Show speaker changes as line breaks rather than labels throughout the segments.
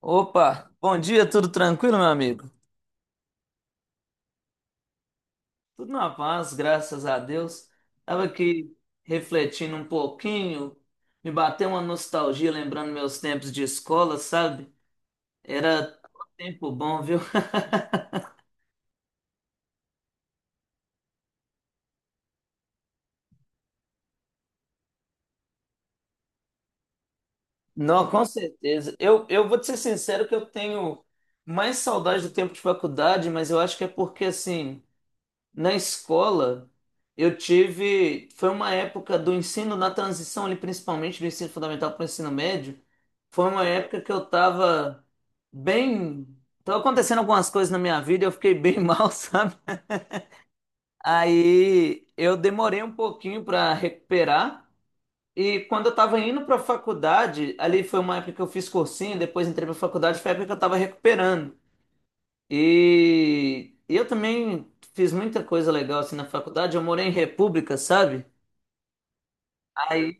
Opa, bom dia, tudo tranquilo, meu amigo? Tudo na paz, graças a Deus. Tava aqui refletindo um pouquinho, me bateu uma nostalgia lembrando meus tempos de escola, sabe? Era um tempo bom, viu? Não, com certeza. Eu vou te ser sincero que eu tenho mais saudade do tempo de faculdade, mas eu acho que é porque, assim, na escola, eu tive. Foi uma época do ensino, na transição ali, principalmente do ensino fundamental para o ensino médio. Foi uma época que eu tava bem. Tava acontecendo algumas coisas na minha vida, e eu fiquei bem mal, sabe? Aí eu demorei um pouquinho para recuperar. E quando eu tava indo para faculdade, ali foi uma época que eu fiz cursinho, depois entrei para faculdade, foi a época que eu tava recuperando. E eu também fiz muita coisa legal assim na faculdade. Eu morei em República, sabe? Aí,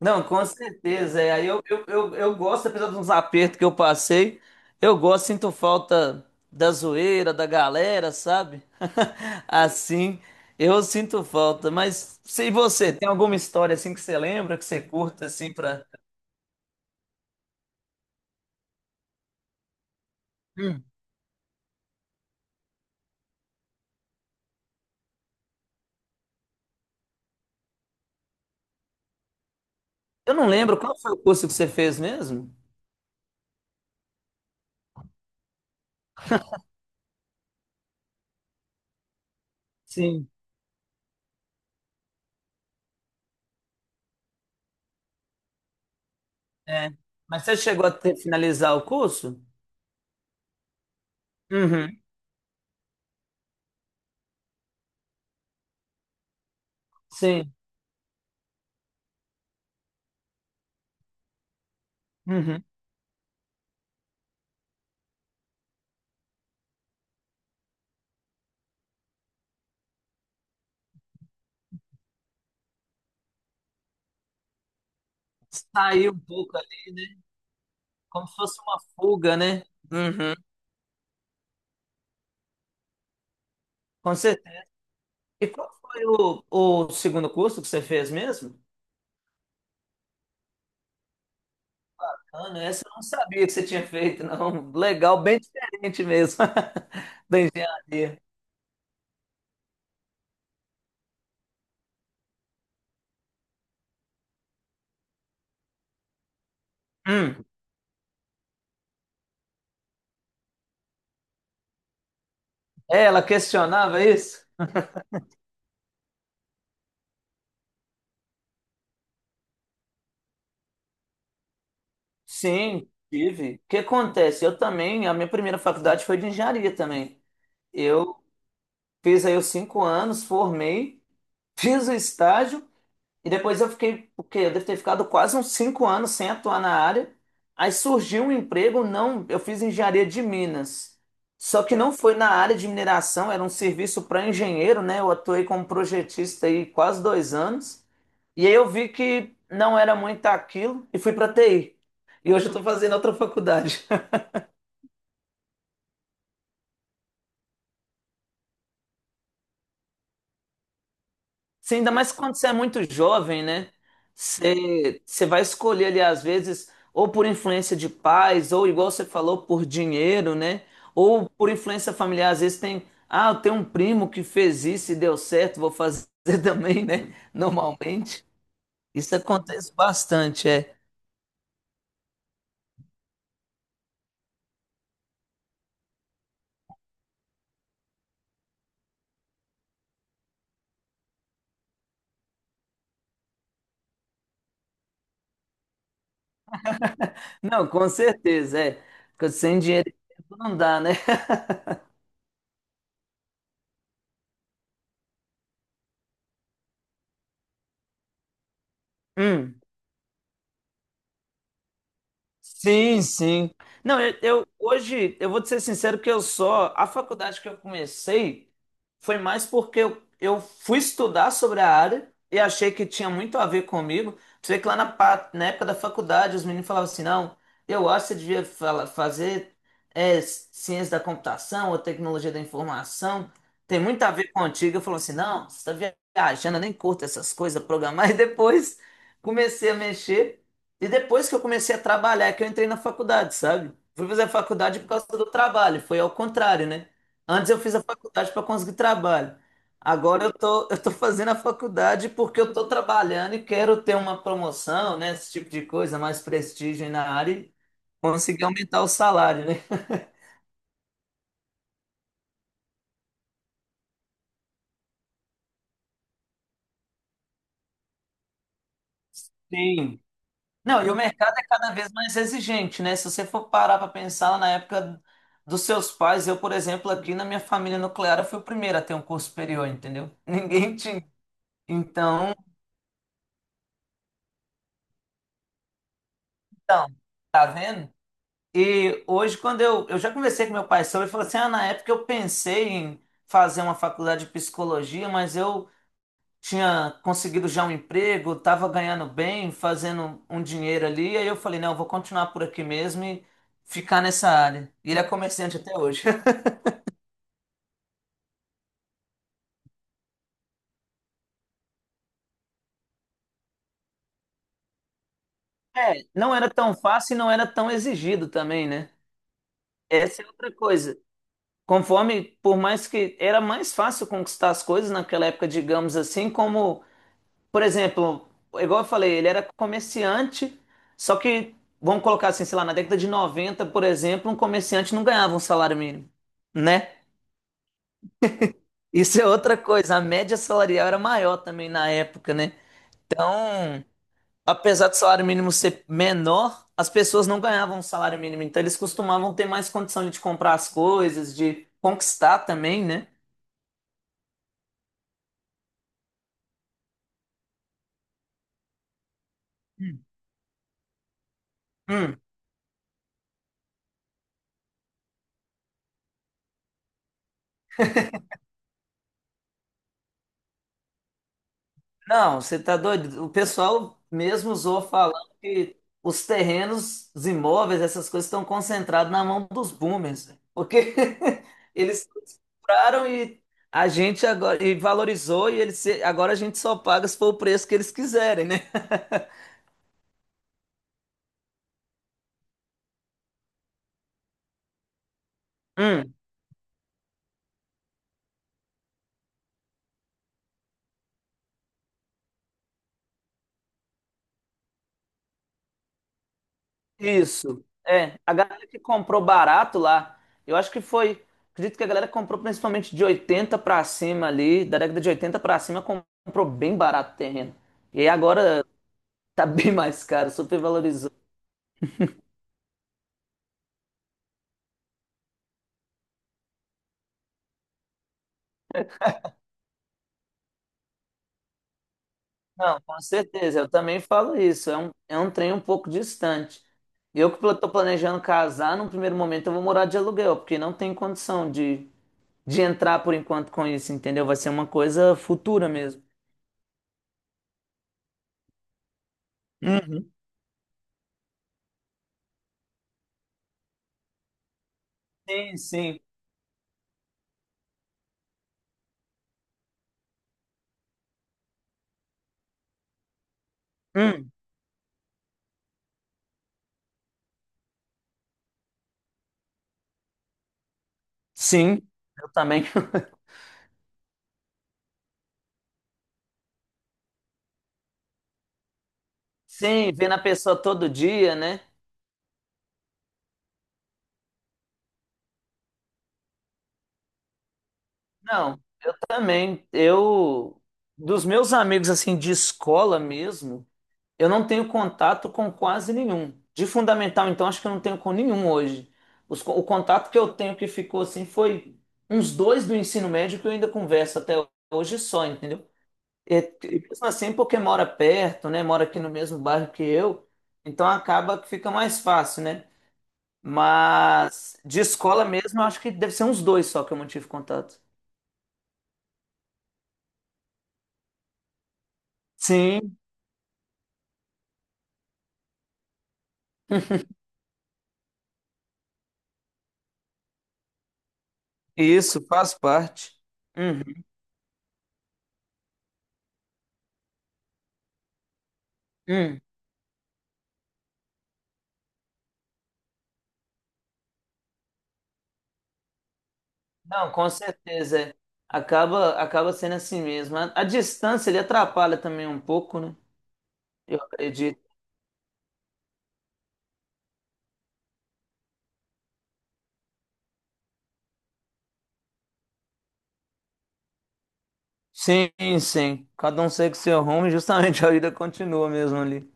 não, com certeza. É. Aí eu gosto, apesar dos apertos que eu passei, eu gosto, sinto falta da zoeira, da galera, sabe? Assim, eu sinto falta. Mas se você tem alguma história assim que você lembra, que você curta assim pra. Hum. Eu não lembro qual foi o curso que você fez mesmo? Sim, é. Mas você chegou a finalizar o curso? Uhum. Sei. Uhum. Sair um pouco ali, né? Como se fosse uma fuga, né? Uhum. Com certeza. E qual foi o segundo curso que você fez mesmo? Ana, essa eu não sabia que você tinha feito, não. Legal, bem diferente mesmo da engenharia. Hum. É, ela questionava isso? Sim, tive. O que acontece? Eu também, a minha primeira faculdade foi de engenharia também. Eu fiz aí os 5 anos, formei, fiz o estágio. E depois eu fiquei, o quê? Eu devo ter ficado quase uns 5 anos sem atuar na área. Aí surgiu um emprego, não, eu fiz engenharia de Minas. Só que não foi na área de mineração, era um serviço para engenheiro, né? Eu atuei como projetista aí quase 2 anos. E aí eu vi que não era muito aquilo e fui para TI. E hoje eu estou fazendo outra faculdade. Sim, ainda mais quando você é muito jovem, né? Você vai escolher ali, às vezes, ou por influência de pais, ou igual você falou, por dinheiro, né? Ou por influência familiar, às vezes tem, ah, eu tenho um primo que fez isso e deu certo, vou fazer também, né? Normalmente. Isso acontece bastante, é. Não, com certeza, é. Porque sem dinheiro não dá, né? Hum. Sim, sim. Não, hoje eu vou te ser sincero que eu só a faculdade que eu comecei foi mais porque eu fui estudar sobre a área e achei que tinha muito a ver comigo. Você vê que lá na, na época da faculdade os meninos falavam assim, não, eu acho que você devia fazer é, ciência da computação ou tecnologia da informação. Tem muito a ver contigo. Eu falo assim, não, você está viajando, eu nem curto essas coisas, programar. E depois comecei a mexer. E depois que eu comecei a trabalhar, é que eu entrei na faculdade, sabe? Fui fazer a faculdade por causa do trabalho, foi ao contrário, né? Antes eu fiz a faculdade para conseguir trabalho. Agora eu tô fazendo a faculdade porque eu tô trabalhando e quero ter uma promoção, né? Esse tipo de coisa, mais prestígio na área e conseguir aumentar o salário, né? Sim. Não, e o mercado é cada vez mais exigente, né? Se você for parar para pensar na época dos seus pais, eu, por exemplo, aqui na minha família nuclear, eu fui o primeiro a ter um curso superior, entendeu? Ninguém tinha. Então, então, tá vendo? E hoje, quando eu já conversei com meu pai sobre, ele falou assim: ah, na época eu pensei em fazer uma faculdade de psicologia, mas eu tinha conseguido já um emprego, estava ganhando bem, fazendo um dinheiro ali. Aí eu falei, não, eu vou continuar por aqui mesmo e ficar nessa área. E ele é comerciante até hoje. É, não era tão fácil e não era tão exigido também, né? Essa é outra coisa. Conforme, por mais que era mais fácil conquistar as coisas naquela época, digamos assim, como, por exemplo, igual eu falei, ele era comerciante, só que, vamos colocar assim, sei lá, na década de 90, por exemplo, um comerciante não ganhava um salário mínimo, né? Isso é outra coisa, a média salarial era maior também na época, né? Então, apesar do salário mínimo ser menor, as pessoas não ganhavam salário mínimo, então eles costumavam ter mais condição de comprar as coisas, de conquistar também, né? Hum. Não, você tá doido? O pessoal mesmo usou falando que os terrenos, os imóveis, essas coisas estão concentrados na mão dos boomers, né? Porque eles compraram e a gente agora e valorizou e eles agora a gente só paga se for o preço que eles quiserem, né? Hum, isso. É, a galera que comprou barato lá, eu acho que foi, acredito que a galera que comprou principalmente de 80 pra cima ali, da década de 80 pra cima comprou bem barato o terreno. E aí agora tá bem mais caro, super valorizou. Não, com certeza, eu também falo isso. É um trem um pouco distante. Eu que tô planejando casar, num primeiro momento eu vou morar de aluguel, porque não tem condição de entrar por enquanto com isso, entendeu? Vai ser uma coisa futura mesmo. Uhum. Sim, sim. Hum, sim, eu também. Sim, vendo a pessoa todo dia, né? Não, eu também. Eu, dos meus amigos, assim, de escola mesmo. Eu não tenho contato com quase nenhum. De fundamental, então, acho que eu não tenho com nenhum hoje. Os o contato que eu tenho que ficou assim foi uns dois do ensino médio que eu ainda converso até hoje só, entendeu? E, e mesmo assim, porque mora perto, né? Mora aqui no mesmo bairro que eu, então acaba que fica mais fácil, né? Mas de escola mesmo, eu acho que deve ser uns dois só que eu mantive contato. Sim, isso faz parte. Uhum. Uhum. Não, com certeza. É. Acaba, acaba sendo assim mesmo. A distância ele atrapalha também um pouco, né? Eu acredito. Sim, sim. Cada um segue seu rumo e justamente a vida continua mesmo ali.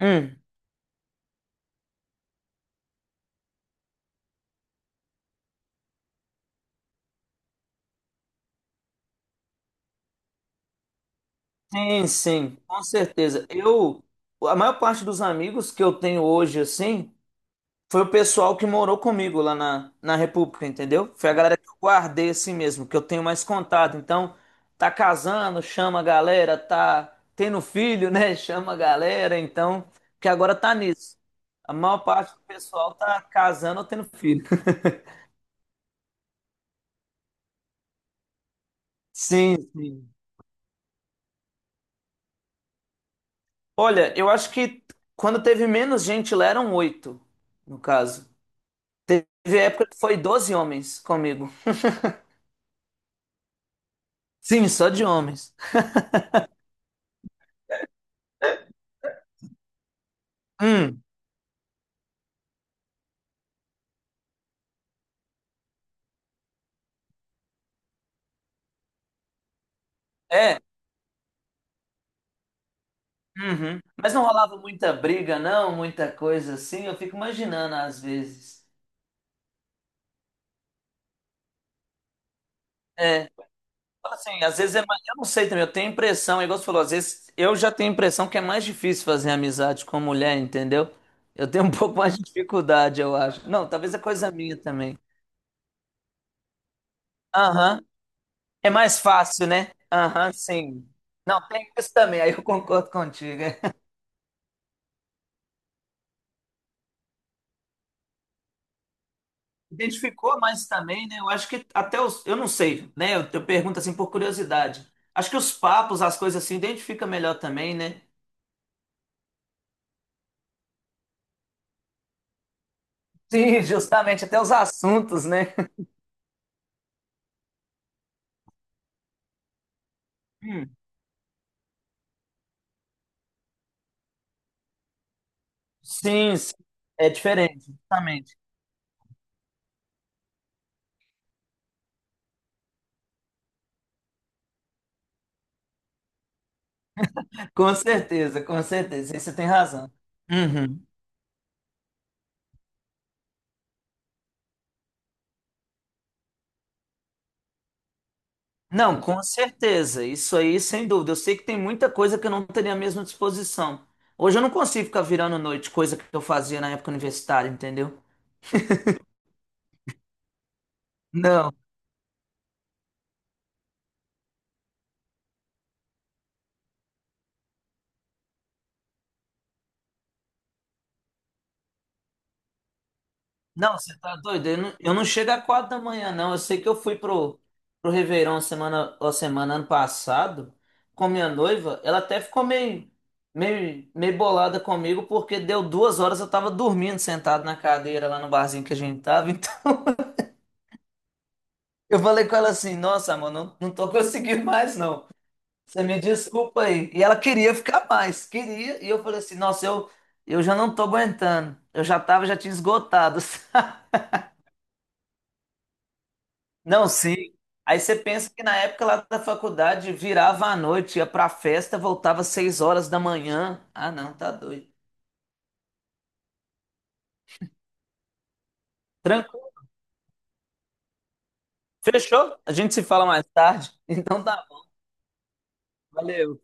Hum, sim, sim, com certeza. Eu, a maior parte dos amigos que eu tenho hoje, assim, foi o pessoal que morou comigo lá na, na República, entendeu? Foi a galera que eu guardei assim mesmo, que eu tenho mais contato. Então, tá casando, chama a galera, tá tendo filho, né? Chama a galera, então, que agora tá nisso. A maior parte do pessoal tá casando ou tendo filho. Sim, sim. Olha, eu acho que quando teve menos gente lá eram oito, no caso. Teve época que foi 12 homens comigo. Sim, só de homens. Hum. É. Uhum. Mas não rolava muita briga, não, muita coisa assim. Eu fico imaginando às vezes. É, fala assim, às vezes é mais, eu não sei também, eu tenho impressão, igual você falou, às vezes eu já tenho impressão que é mais difícil fazer amizade com mulher, entendeu? Eu tenho um pouco mais de dificuldade, eu acho. Não, talvez é coisa minha também. Aham. É mais fácil, né? Aham, sim. Não, tem isso também, aí eu concordo contigo. Identificou, mas também, né? Eu acho que até os. Eu não sei, né? Eu pergunto assim por curiosidade. Acho que os papos, as coisas assim, identifica melhor também, né? Sim, justamente, até os assuntos, né? Hum, sim, sim. É diferente, justamente. Com certeza, aí você tem razão. Uhum. Não, com certeza. Isso aí, sem dúvida. Eu sei que tem muita coisa que eu não teria a mesma disposição. Hoje eu não consigo ficar virando noite, coisa que eu fazia na época universitária, entendeu? não Não, você tá doido? Eu não chego a 4 da manhã, não. Eu sei que eu fui pro, pro Réveillon semana, ó, semana ano passado com minha noiva. Ela até ficou meio, meio, meio bolada comigo porque deu 2 horas eu tava dormindo sentado na cadeira lá no barzinho que a gente tava. Então eu falei com ela assim: Nossa, amor, não, não tô conseguindo mais, não. Você me desculpa aí. E ela queria ficar mais, queria. E eu falei assim: Nossa, eu já não tô aguentando. Eu já tava, já tinha esgotado. Não, sim. Aí você pensa que na época lá da faculdade virava à noite, ia pra festa, voltava às 6 horas da manhã. Ah, não, tá doido. Tranquilo. Fechou? A gente se fala mais tarde. Então tá bom. Valeu.